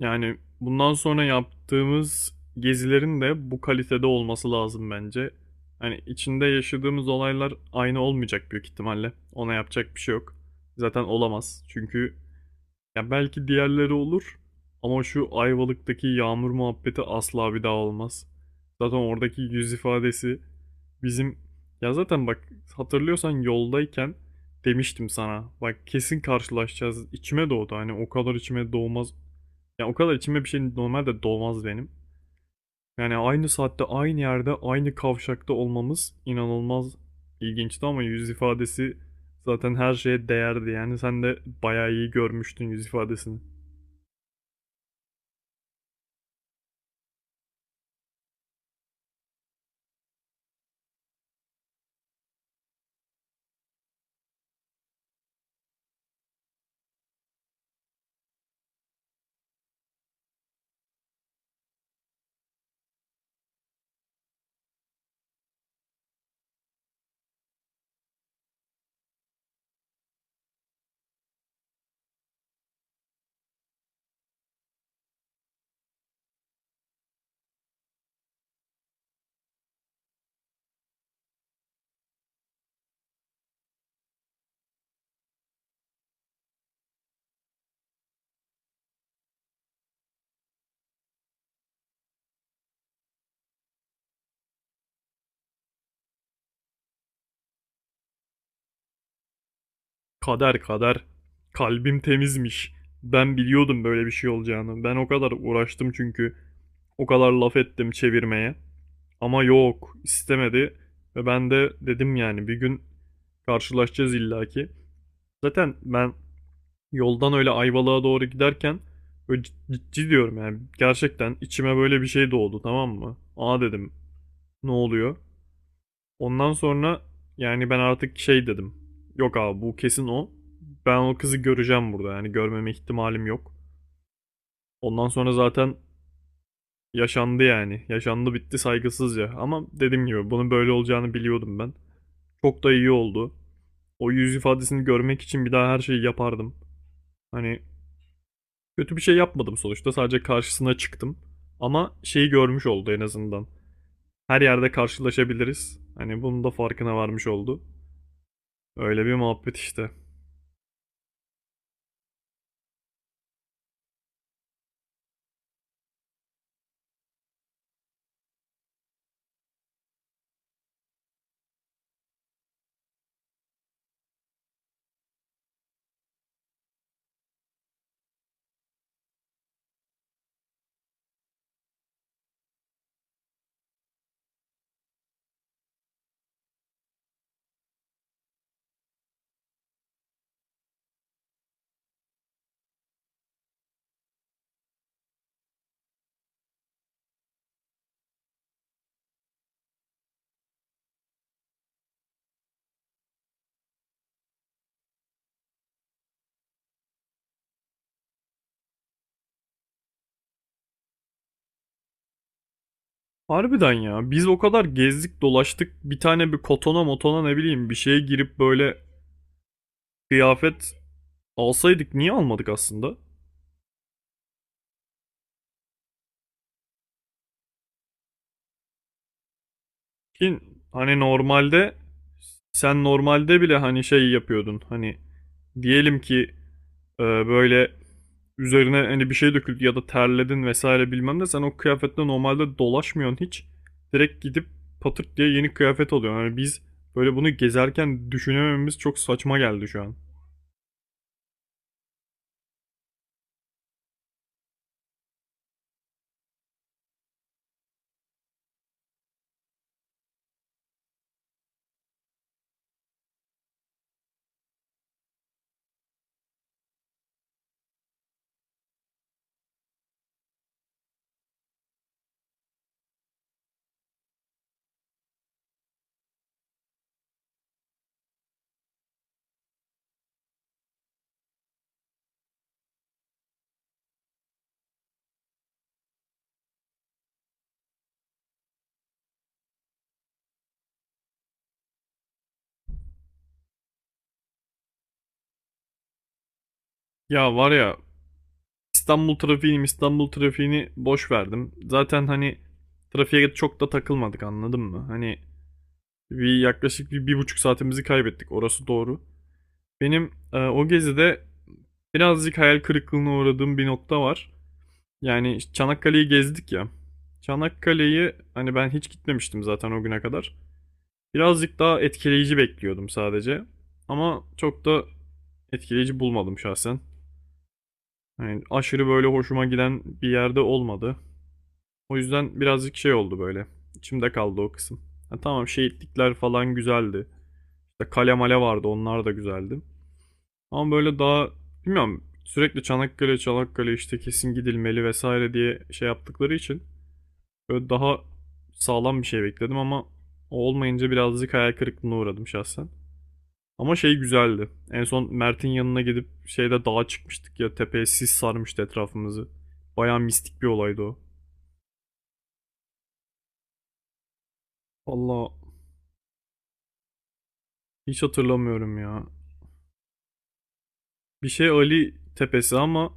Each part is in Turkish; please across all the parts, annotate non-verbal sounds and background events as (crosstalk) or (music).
Yani bundan sonra yaptığımız gezilerin de bu kalitede olması lazım bence. Hani içinde yaşadığımız olaylar aynı olmayacak büyük ihtimalle. Ona yapacak bir şey yok. Zaten olamaz. Çünkü ya belki diğerleri olur ama şu Ayvalık'taki yağmur muhabbeti asla bir daha olmaz. Zaten oradaki yüz ifadesi bizim, ya zaten bak, hatırlıyorsan yoldayken demiştim sana. Bak kesin karşılaşacağız. İçime doğdu. Hani o kadar içime doğmaz, ya o kadar içime bir şey normalde dolmaz benim. Yani aynı saatte aynı yerde aynı kavşakta olmamız inanılmaz ilginçti, ama yüz ifadesi zaten her şeye değerdi. Yani sen de bayağı iyi görmüştün yüz ifadesini. Kader kader. Kalbim temizmiş. Ben biliyordum böyle bir şey olacağını. Ben o kadar uğraştım çünkü. O kadar laf ettim çevirmeye. Ama yok istemedi. Ve ben de dedim yani bir gün karşılaşacağız illaki. Zaten ben yoldan öyle Ayvalık'a doğru giderken böyle ciddi diyorum, yani gerçekten içime böyle bir şey doğdu, tamam mı? Aa dedim, ne oluyor? Ondan sonra yani ben artık şey dedim. Yok abi bu kesin o. Ben o kızı göreceğim burada, yani görmeme ihtimalim yok. Ondan sonra zaten yaşandı yani. Yaşandı, bitti saygısızca. Ama dediğim gibi bunun böyle olacağını biliyordum ben. Çok da iyi oldu. O yüz ifadesini görmek için bir daha her şeyi yapardım. Hani kötü bir şey yapmadım sonuçta. Sadece karşısına çıktım. Ama şeyi görmüş oldu en azından. Her yerde karşılaşabiliriz. Hani bunun da farkına varmış oldu. Öyle bir muhabbet işte. Harbiden ya. Biz o kadar gezdik dolaştık. Bir tane bir kotona motona ne bileyim bir şeye girip böyle kıyafet alsaydık, niye almadık aslında? Ki hani normalde sen normalde bile hani şey yapıyordun. Hani diyelim ki, böyle üzerine hani bir şey döküldü ya da terledin vesaire bilmem ne, sen o kıyafetle normalde dolaşmıyorsun hiç. Direkt gidip patırt diye yeni kıyafet alıyorsun. Yani biz böyle bunu gezerken düşünemememiz çok saçma geldi şu an. Ya var ya, İstanbul trafiğini boş verdim. Zaten hani trafiğe çok da takılmadık, anladın mı? Hani bir yaklaşık bir, bir buçuk saatimizi kaybettik, orası doğru. Benim, o gezide birazcık hayal kırıklığına uğradığım bir nokta var. Yani işte Çanakkale'yi gezdik ya. Çanakkale'yi hani ben hiç gitmemiştim zaten o güne kadar. Birazcık daha etkileyici bekliyordum sadece. Ama çok da etkileyici bulmadım şahsen. Yani aşırı böyle hoşuma giden bir yerde olmadı. O yüzden birazcık şey oldu böyle. İçimde kaldı o kısım. Ha tamam, şehitlikler falan güzeldi. İşte kale male vardı, onlar da güzeldi. Ama böyle daha, bilmiyorum, sürekli Çanakkale Çanakkale işte kesin gidilmeli vesaire diye şey yaptıkları için böyle daha sağlam bir şey bekledim, ama o olmayınca birazcık hayal kırıklığına uğradım şahsen. Ama şey güzeldi. En son Mert'in yanına gidip şeyde dağa çıkmıştık ya, tepeye sis sarmıştı etrafımızı. Bayağı mistik bir olaydı o. Valla hiç hatırlamıyorum ya. Bir şey Ali tepesi ama,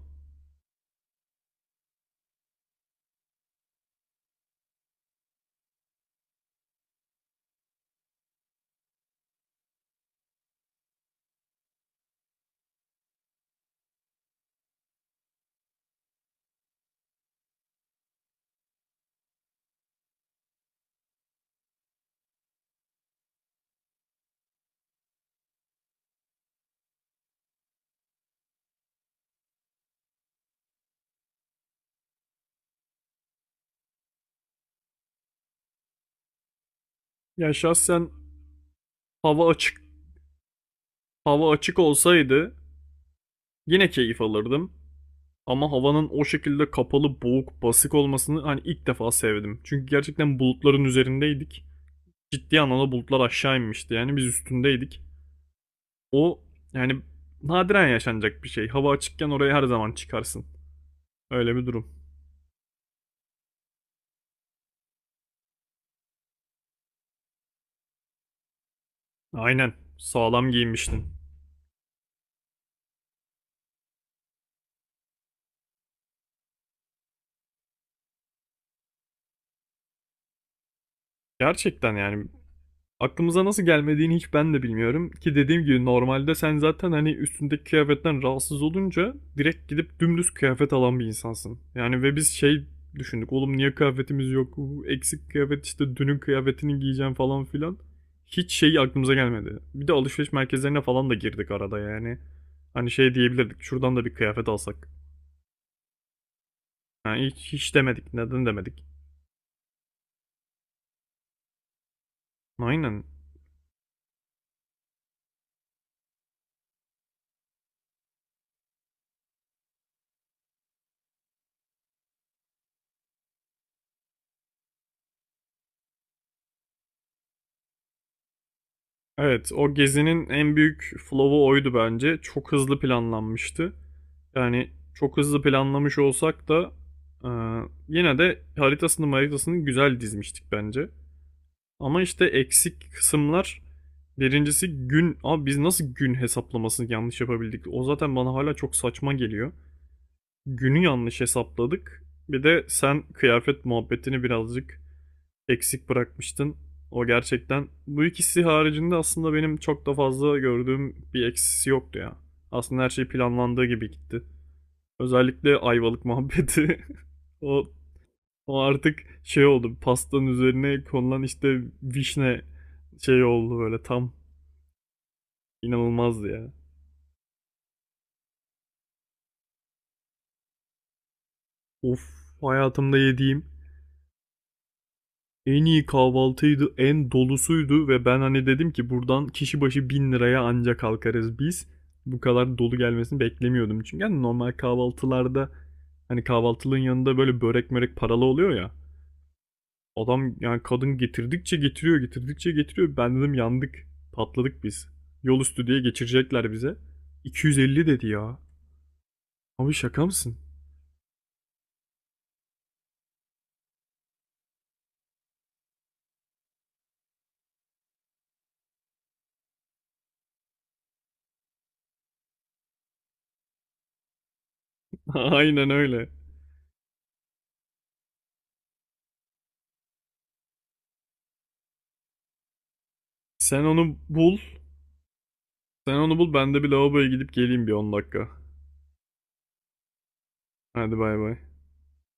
ya şahsen hava açık, hava açık olsaydı yine keyif alırdım. Ama havanın o şekilde kapalı, boğuk, basık olmasını hani ilk defa sevdim. Çünkü gerçekten bulutların üzerindeydik. Ciddi anlamda bulutlar aşağı inmişti. Yani biz üstündeydik. O, yani nadiren yaşanacak bir şey. Hava açıkken oraya her zaman çıkarsın. Öyle bir durum. Aynen. Sağlam giyinmiştin. Gerçekten yani, aklımıza nasıl gelmediğini hiç ben de bilmiyorum ki, dediğim gibi normalde sen zaten hani üstündeki kıyafetten rahatsız olunca direkt gidip dümdüz kıyafet alan bir insansın. Yani ve biz şey düşündük, oğlum niye kıyafetimiz yok, bu eksik kıyafet, işte dünün kıyafetini giyeceğim falan filan. Hiç şey aklımıza gelmedi. Bir de alışveriş merkezlerine falan da girdik arada yani. Hani şey diyebilirdik, şuradan da bir kıyafet alsak. Yani hiç demedik, neden demedik. Aynen. Evet, o gezinin en büyük flaw'u oydu bence. Çok hızlı planlanmıştı. Yani çok hızlı planlamış olsak da, e, yine de haritasını güzel dizmiştik bence. Ama işte eksik kısımlar birincisi gün. Abi biz nasıl gün hesaplamasını yanlış yapabildik? O zaten bana hala çok saçma geliyor. Günü yanlış hesapladık. Bir de sen kıyafet muhabbetini birazcık eksik bırakmıştın. O gerçekten. Bu ikisi haricinde aslında benim çok da fazla gördüğüm bir eksisi yoktu ya. Aslında her şey planlandığı gibi gitti. Özellikle Ayvalık muhabbeti. (laughs) o, o artık şey oldu. Pastanın üzerine konulan işte vişne şey oldu böyle tam inanılmazdı ya. Of, hayatımda yediğim en iyi kahvaltıydı, en dolusuydu ve ben hani dedim ki buradan kişi başı 1.000 liraya ancak kalkarız biz. Bu kadar dolu gelmesini beklemiyordum. Çünkü hani normal kahvaltılarda hani kahvaltılığın yanında böyle börek mörek paralı oluyor ya. Adam yani kadın getirdikçe getiriyor, getirdikçe getiriyor. Ben dedim yandık, patladık biz. Yol üstü diye geçirecekler bize. 250 dedi ya. Abi şaka mısın? (laughs) Aynen öyle. Sen onu bul. Sen onu bul. Ben de bir lavaboya gidip geleyim bir 10 dakika. Hadi bay bay.